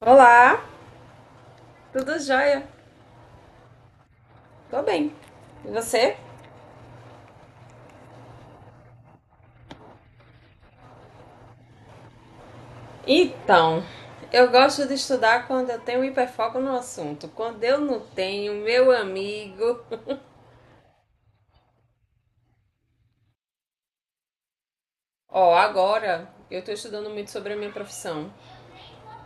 Olá, tudo jóia? Tô bem. E você? Então, eu gosto de estudar quando eu tenho um hiperfoco no assunto. Quando eu não tenho, meu amigo. Agora eu tô estudando muito sobre a minha profissão,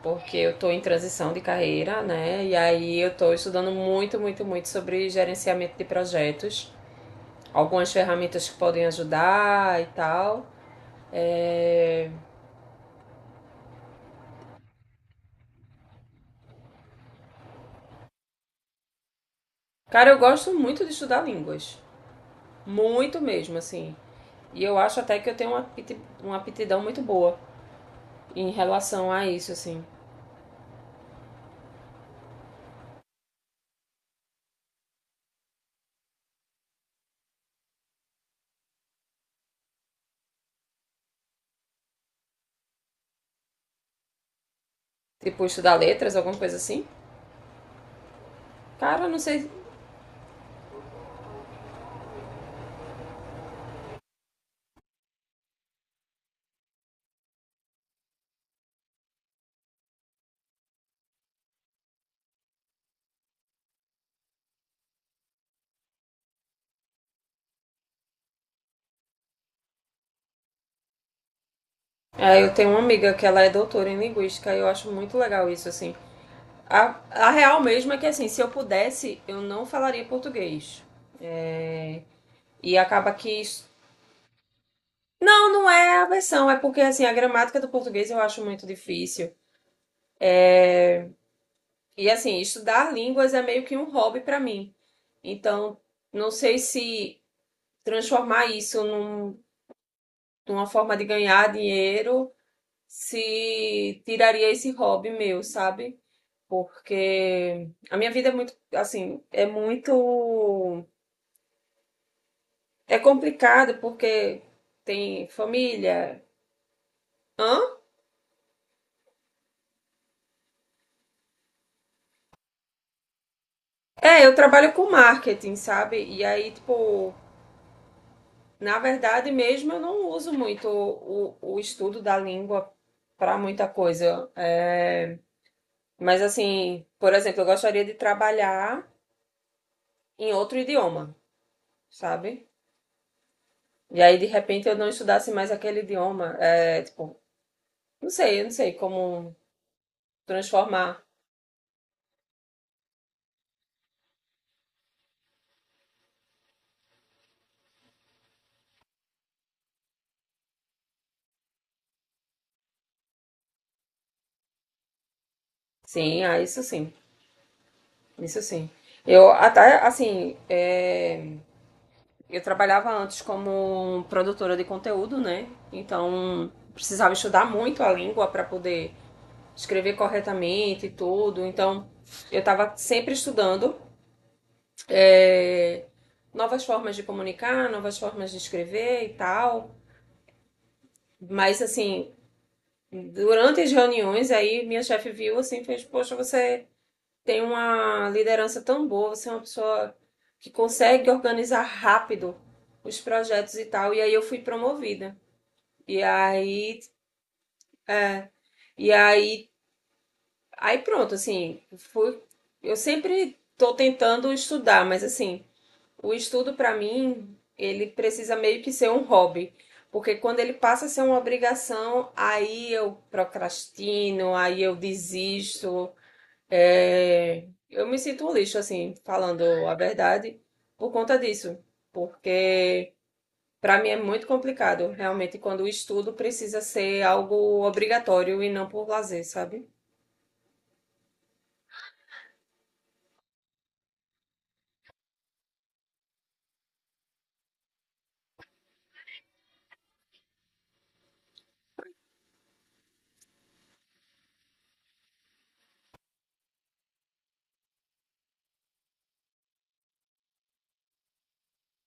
porque eu tô em transição de carreira, né? E aí eu tô estudando muito, muito, muito sobre gerenciamento de projetos, algumas ferramentas que podem ajudar e tal. É, Cara, eu gosto muito de estudar línguas. Muito mesmo, assim. E eu acho até que eu tenho uma aptidão muito boa em relação a isso, assim. Tipo, estudar letras, alguma coisa assim. Cara, não sei. É, eu tenho uma amiga que ela é doutora em linguística e eu acho muito legal isso, assim. A real mesmo é que, assim, se eu pudesse, eu não falaria português. E acaba que não, não é a versão, é porque, assim, a gramática do português eu acho muito difícil. E, assim, estudar línguas é meio que um hobby pra mim. Então, não sei se transformar isso numa forma de ganhar dinheiro se tiraria esse hobby meu, sabe? Porque a minha vida é muito, assim, é muito. É complicado porque tem família. Hã? É, eu trabalho com marketing, sabe? E aí, tipo, na verdade mesmo eu não uso muito o estudo da língua para muita coisa. É, mas assim, por exemplo, eu gostaria de trabalhar em outro idioma, sabe? E aí, de repente, eu não estudasse mais aquele idioma. É, tipo, não sei, eu não sei como transformar. Sim, ah, isso sim, isso sim. Eu até, assim, eu trabalhava antes como produtora de conteúdo, né? Então, precisava estudar muito a língua para poder escrever corretamente e tudo. Então, eu estava sempre estudando é, novas formas de comunicar, novas formas de escrever e tal. Mas assim, durante as reuniões, aí minha chefe viu assim, fez, poxa, você tem uma liderança tão boa, você é uma pessoa que consegue organizar rápido os projetos e tal. E aí eu fui promovida. E aí, e aí, pronto, assim, fui, eu sempre tô tentando estudar, mas assim, o estudo, para mim, ele precisa meio que ser um hobby. Porque quando ele passa a ser uma obrigação, aí eu procrastino, aí eu desisto. Eu me sinto um lixo, assim, falando a verdade, por conta disso. Porque para mim é muito complicado, realmente, quando o estudo precisa ser algo obrigatório e não por lazer, sabe?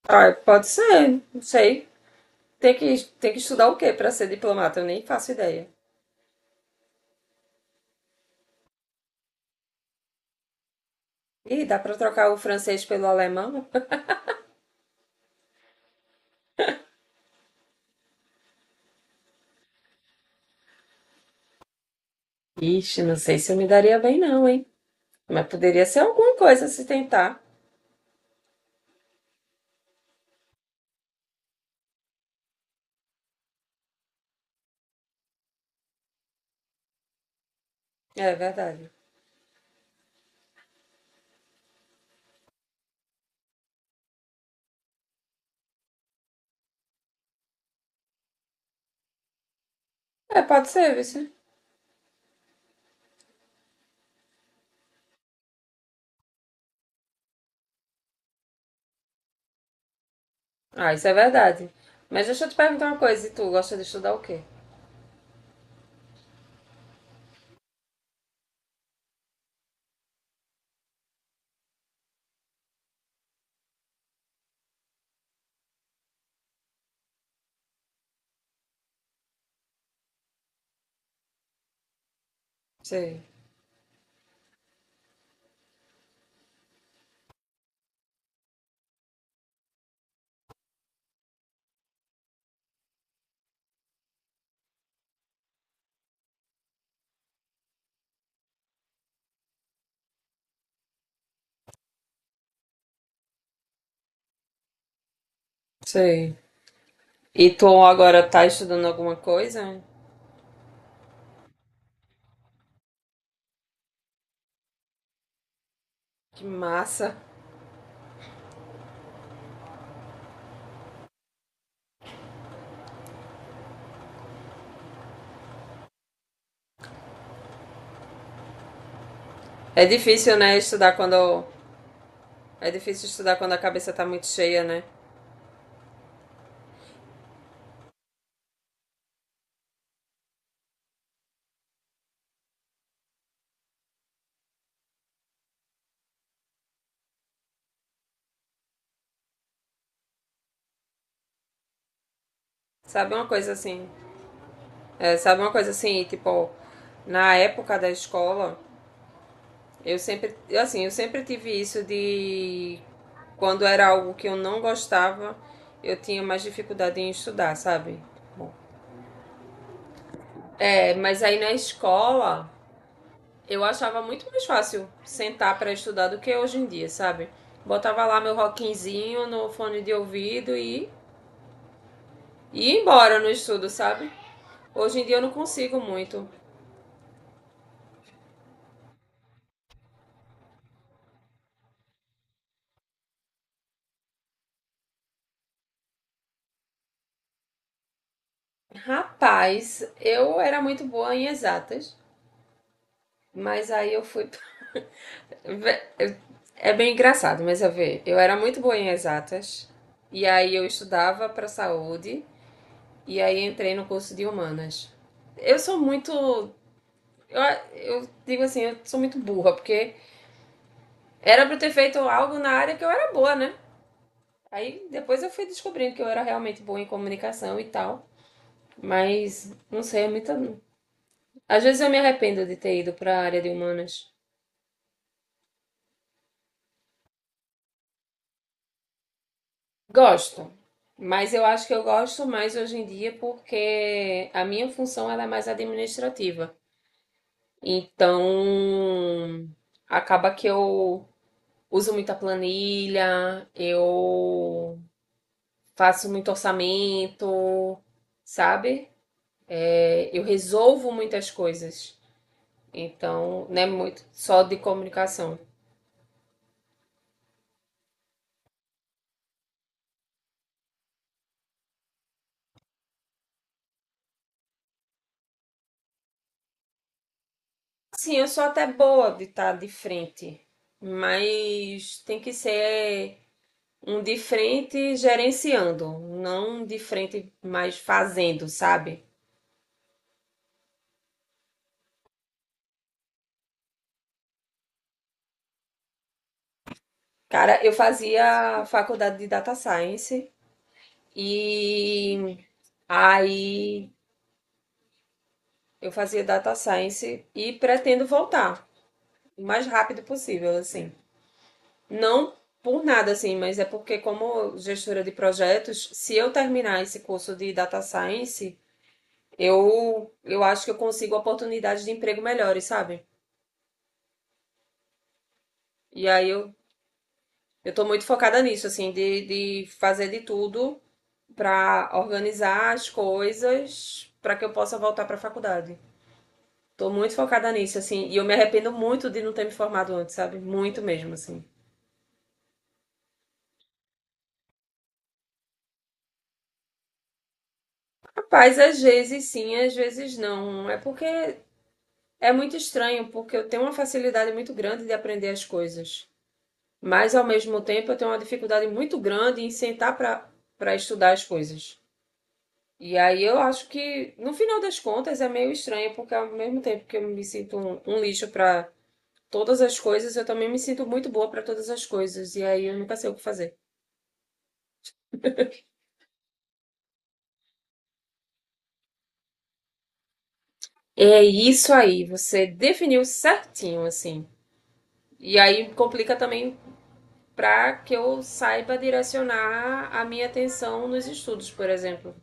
Ah, pode ser, não sei. Tem que estudar o quê para ser diplomata? Eu nem faço ideia. Ih, dá pra trocar o francês pelo alemão? Ixi, não sei se eu me daria bem não, hein? Mas poderia ser alguma coisa se tentar. É verdade. É, pode ser, viu? Ah, isso é verdade. Mas deixa eu te perguntar uma coisa, e tu gosta de estudar o quê? Sei, sei. E tu agora tá estudando alguma coisa? Que massa. É difícil, né, estudar quando é difícil estudar quando a cabeça tá muito cheia, né? Sabe uma coisa assim? É, sabe uma coisa assim, tipo, na época da escola, eu sempre, assim, eu sempre tive isso de quando era algo que eu não gostava, eu tinha mais dificuldade em estudar, sabe? É, mas aí na escola, eu achava muito mais fácil sentar para estudar do que hoje em dia, sabe? Botava lá meu rockinzinho no fone de ouvido e ia embora no estudo, sabe? Hoje em dia eu não consigo muito. Rapaz, eu era muito boa em exatas, mas aí eu fui Vé- é bem engraçado, mas eu era muito boa em exatas e aí eu estudava para saúde e aí entrei no curso de humanas. Eu sou muito eu, eu digo assim, eu sou muito burra, porque era para ter feito algo na área que eu era boa, né? Aí depois eu fui descobrindo que eu era realmente boa em comunicação e tal, mas não sei, é muita. Às vezes eu me arrependo de ter ido para a área de humanas. Gosto, mas eu acho que eu gosto mais hoje em dia porque a minha função ela é mais administrativa. Então, acaba que eu uso muita planilha, eu faço muito orçamento, sabe? Eu resolvo muitas coisas. Então, não é muito só de comunicação. Sim, eu sou até boa de estar de frente, mas tem que ser um de frente gerenciando, não um de frente mais fazendo, sabe? Cara, eu fazia faculdade de data science e aí eu fazia data science e pretendo voltar o mais rápido possível, assim. Não por nada, assim, mas é porque como gestora de projetos, se eu terminar esse curso de data science, eu acho que eu consigo oportunidades de emprego melhores, sabe? E aí eu tô muito focada nisso, assim, de fazer de tudo pra organizar as coisas pra que eu possa voltar pra faculdade. Tô muito focada nisso, assim, e eu me arrependo muito de não ter me formado antes, sabe? Muito mesmo, assim. Rapaz, às vezes sim, às vezes não. É porque é muito estranho, porque eu tenho uma facilidade muito grande de aprender as coisas. Mas ao mesmo tempo eu tenho uma dificuldade muito grande em sentar pra estudar as coisas. E aí eu acho que, no final das contas, é meio estranho, porque ao mesmo tempo que eu me sinto um lixo pra todas as coisas, eu também me sinto muito boa pra todas as coisas. E aí eu nunca sei o que fazer. É isso aí, você definiu certinho, assim. E aí complica também pra que eu saiba direcionar a minha atenção nos estudos, por exemplo.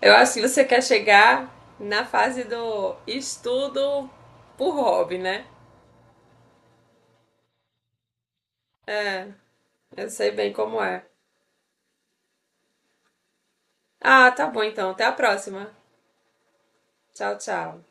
Eu acho que você quer chegar na fase do estudo por hobby, né? É, eu sei bem como é. Ah, tá bom então. Até a próxima. Tchau, tchau.